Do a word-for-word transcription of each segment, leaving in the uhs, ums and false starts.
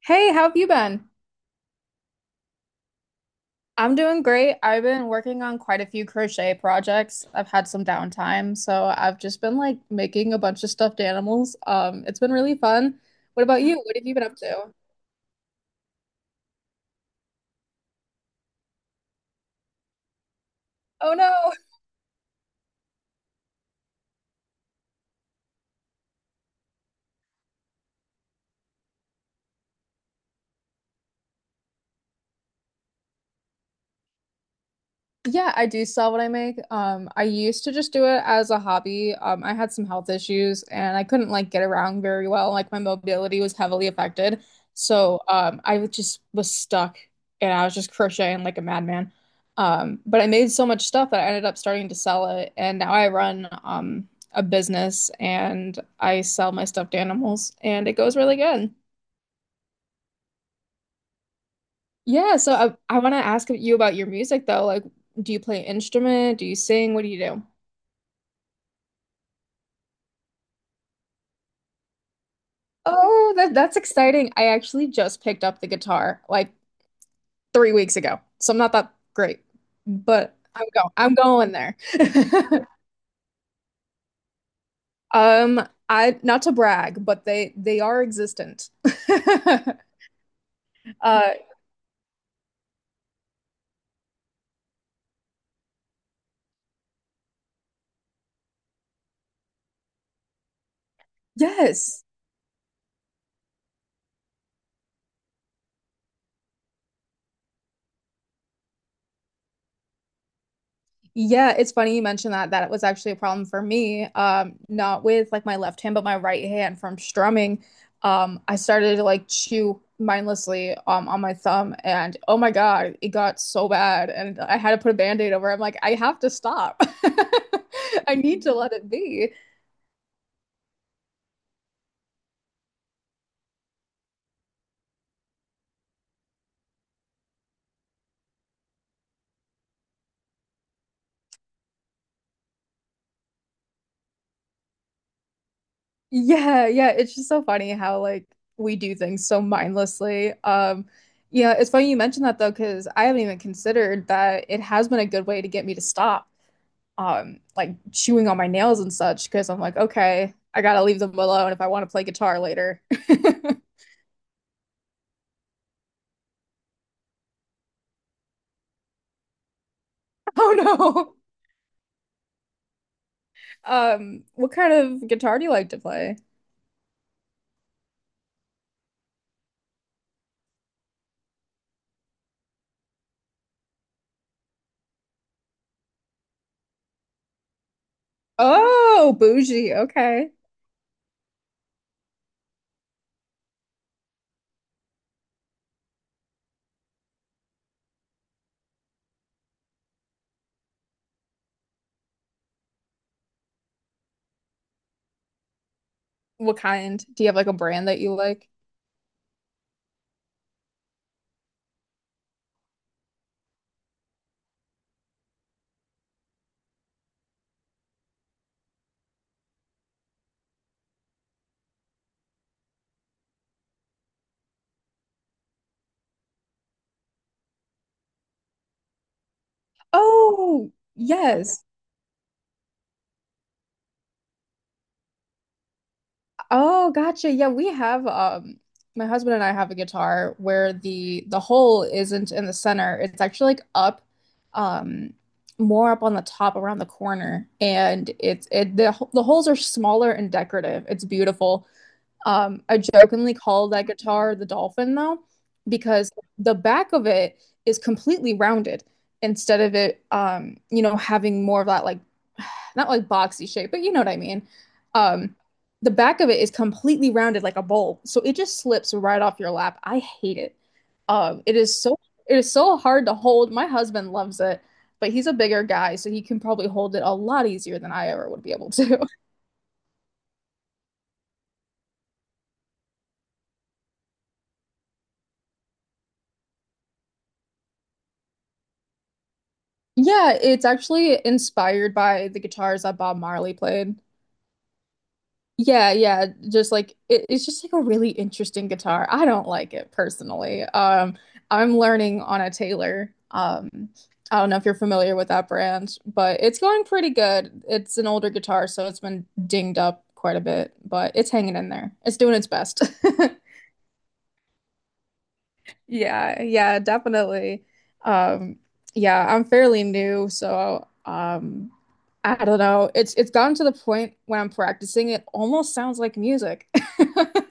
Hey, how have you been? I'm doing great. I've been working on quite a few crochet projects. I've had some downtime, so I've just been like making a bunch of stuffed animals. Um, it's been really fun. What about you? What have you been up to? Oh no. Yeah, I do sell what I make. Um, I used to just do it as a hobby. Um, I had some health issues and I couldn't like get around very well. Like my mobility was heavily affected. So um, I was- just was stuck and I was just crocheting like a madman. Um, but I made so much stuff that I ended up starting to sell it. And now I run um, a business and I sell my stuffed animals and it goes really good. Yeah, so I, I want to ask you about your music though. Like, do you play instrument? Do you sing? What do you do? Oh, that that's exciting. I actually just picked up the guitar like three weeks ago, so I'm not that great, but I'm going. I'm going there. Um, I not to brag, but they they are existent. Uh, yes. Yeah, it's funny you mentioned that. That was actually a problem for me. Um, not with like my left hand, but my right hand from strumming. Um, I started to like chew mindlessly um on my thumb, and oh my God, it got so bad, and I had to put a band-aid over it. I'm like, I have to stop. I need to let it be. Yeah, yeah. It's just so funny how like we do things so mindlessly. Um, yeah, it's funny you mentioned that though, because I haven't even considered that it has been a good way to get me to stop um like chewing on my nails and such because I'm like, okay, I gotta leave them alone if I want to play guitar later. Oh no. Um, what kind of guitar do you like to play? Oh, bougie. Okay. What kind? Do you have like a brand that you like? Oh, yes. Oh, gotcha. Yeah, we have um my husband and I have a guitar where the the hole isn't in the center. It's actually like up um more up on the top around the corner and it's it the the holes are smaller and decorative. It's beautiful. Um, I jokingly call that guitar the dolphin though, because the back of it is completely rounded instead of it, um, you know, having more of that like not like boxy shape, but you know what I mean. Um, the back of it is completely rounded like a bowl, so it just slips right off your lap. I hate it. Um, it is so it is so hard to hold. My husband loves it, but he's a bigger guy, so he can probably hold it a lot easier than I ever would be able to. Yeah, it's actually inspired by the guitars that Bob Marley played. Yeah, yeah, just like it, it's just like a really interesting guitar. I don't like it personally. Um, I'm learning on a Taylor. Um, I don't know if you're familiar with that brand, but it's going pretty good. It's an older guitar, so it's been dinged up quite a bit, but it's hanging in there. It's doing its best. Yeah, yeah, definitely. Um, yeah, I'm fairly new, so um, I don't know. It's it's gotten to the point when I'm practicing, it almost sounds like music.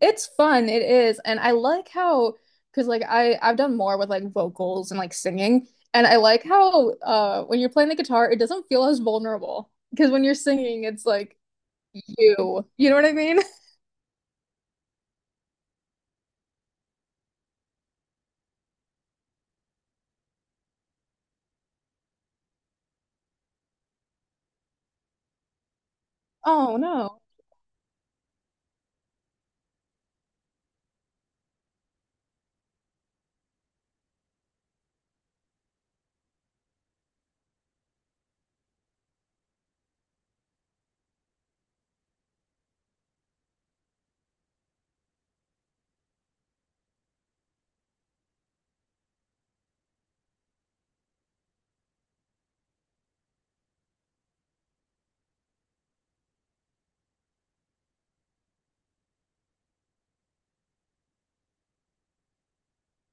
It's fun, it is. And I like how, because like I I've done more with like vocals and like singing, and I like how uh when you're playing the guitar, it doesn't feel as vulnerable. Because when you're singing, it's like you. You know what I mean? Oh no.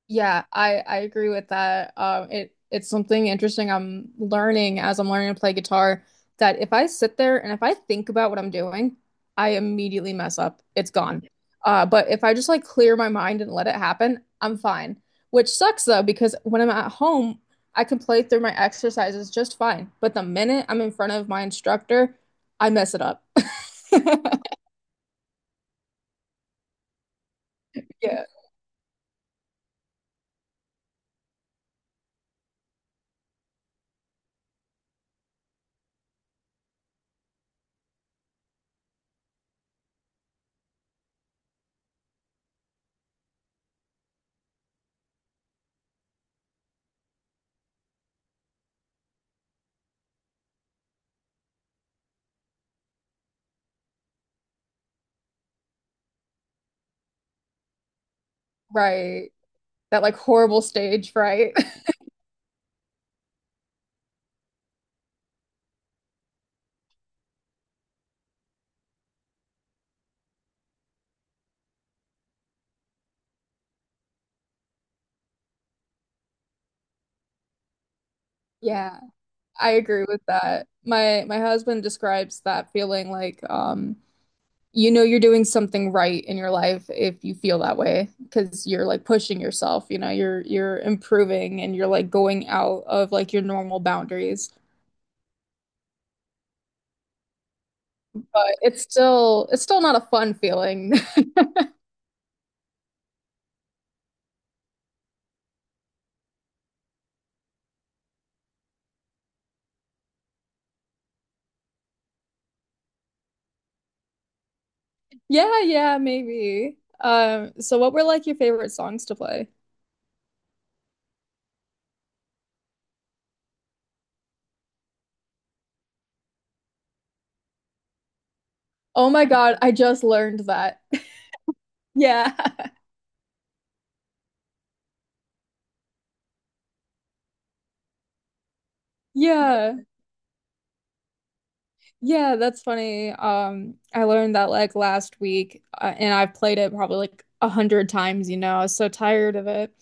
Yeah, I I agree with that. Um, it it's something interesting I'm learning as I'm learning to play guitar that if I sit there and if I think about what I'm doing, I immediately mess up. It's gone. Uh, but if I just like clear my mind and let it happen, I'm fine. Which sucks though, because when I'm at home, I can play through my exercises just fine. But the minute I'm in front of my instructor, I mess it up. Yeah, right. That like horrible stage fright. Yeah. I agree with that. My my husband describes that feeling like um you know you're doing something right in your life if you feel that way because you're like pushing yourself, you know, you're you're improving and you're like going out of like your normal boundaries. But it's still it's still not a fun feeling. Yeah, yeah, maybe. Um so what were like your favorite songs to play? Oh my God, I just learned that. Yeah. Yeah. Yeah, that's funny. Um, I learned that like last week, uh, and I've played it probably like a hundred times, you know. I was so tired of it.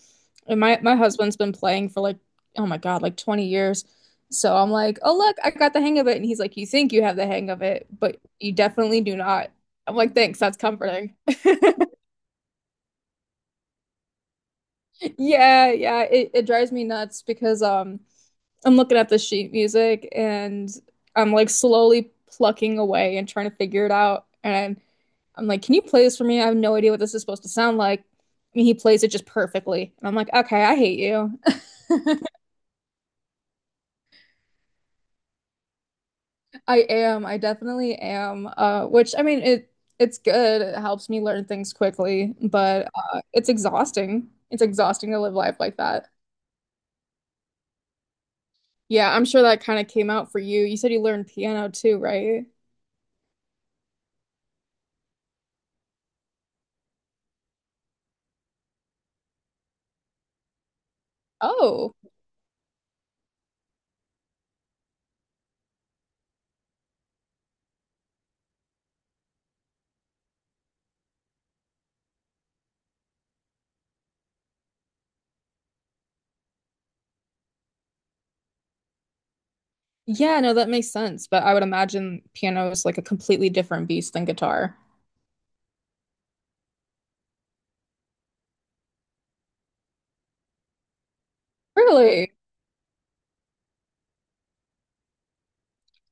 And my my husband's been playing for like, oh my God, like twenty years. So I'm like, oh look, I got the hang of it. And he's like, you think you have the hang of it, but you definitely do not. I'm like, thanks, that's comforting. Yeah, yeah, it, it drives me nuts because um I'm looking at the sheet music and I'm like slowly plucking away and trying to figure it out. And I'm like, can you play this for me? I have no idea what this is supposed to sound like. And he plays it just perfectly. And I'm like, okay, I hate you. I am. I definitely am. Uh, which I mean, it it's good. It helps me learn things quickly, but uh, it's exhausting. It's exhausting to live life like that. Yeah, I'm sure that kind of came out for you. You said you learned piano too, right? Oh, yeah, no, that makes sense. But I would imagine piano is like a completely different beast than guitar. Really?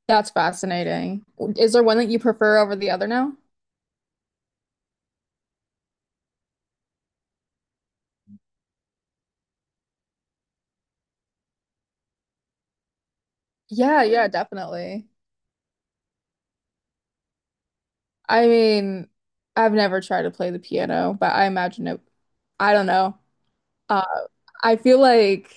That's fascinating. Is there one that you prefer over the other now? Yeah, yeah, definitely. I mean, I've never tried to play the piano, but I imagine it, I don't know. Uh, I feel like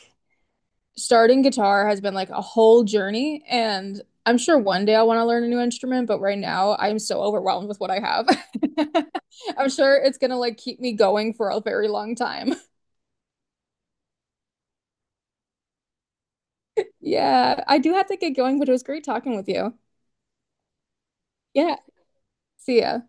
starting guitar has been like a whole journey, and I'm sure one day I want to learn a new instrument, but right now I'm so overwhelmed with what I have. I'm sure it's gonna like keep me going for a very long time. Yeah, I do have to get going, but it was great talking with you. Yeah, see ya.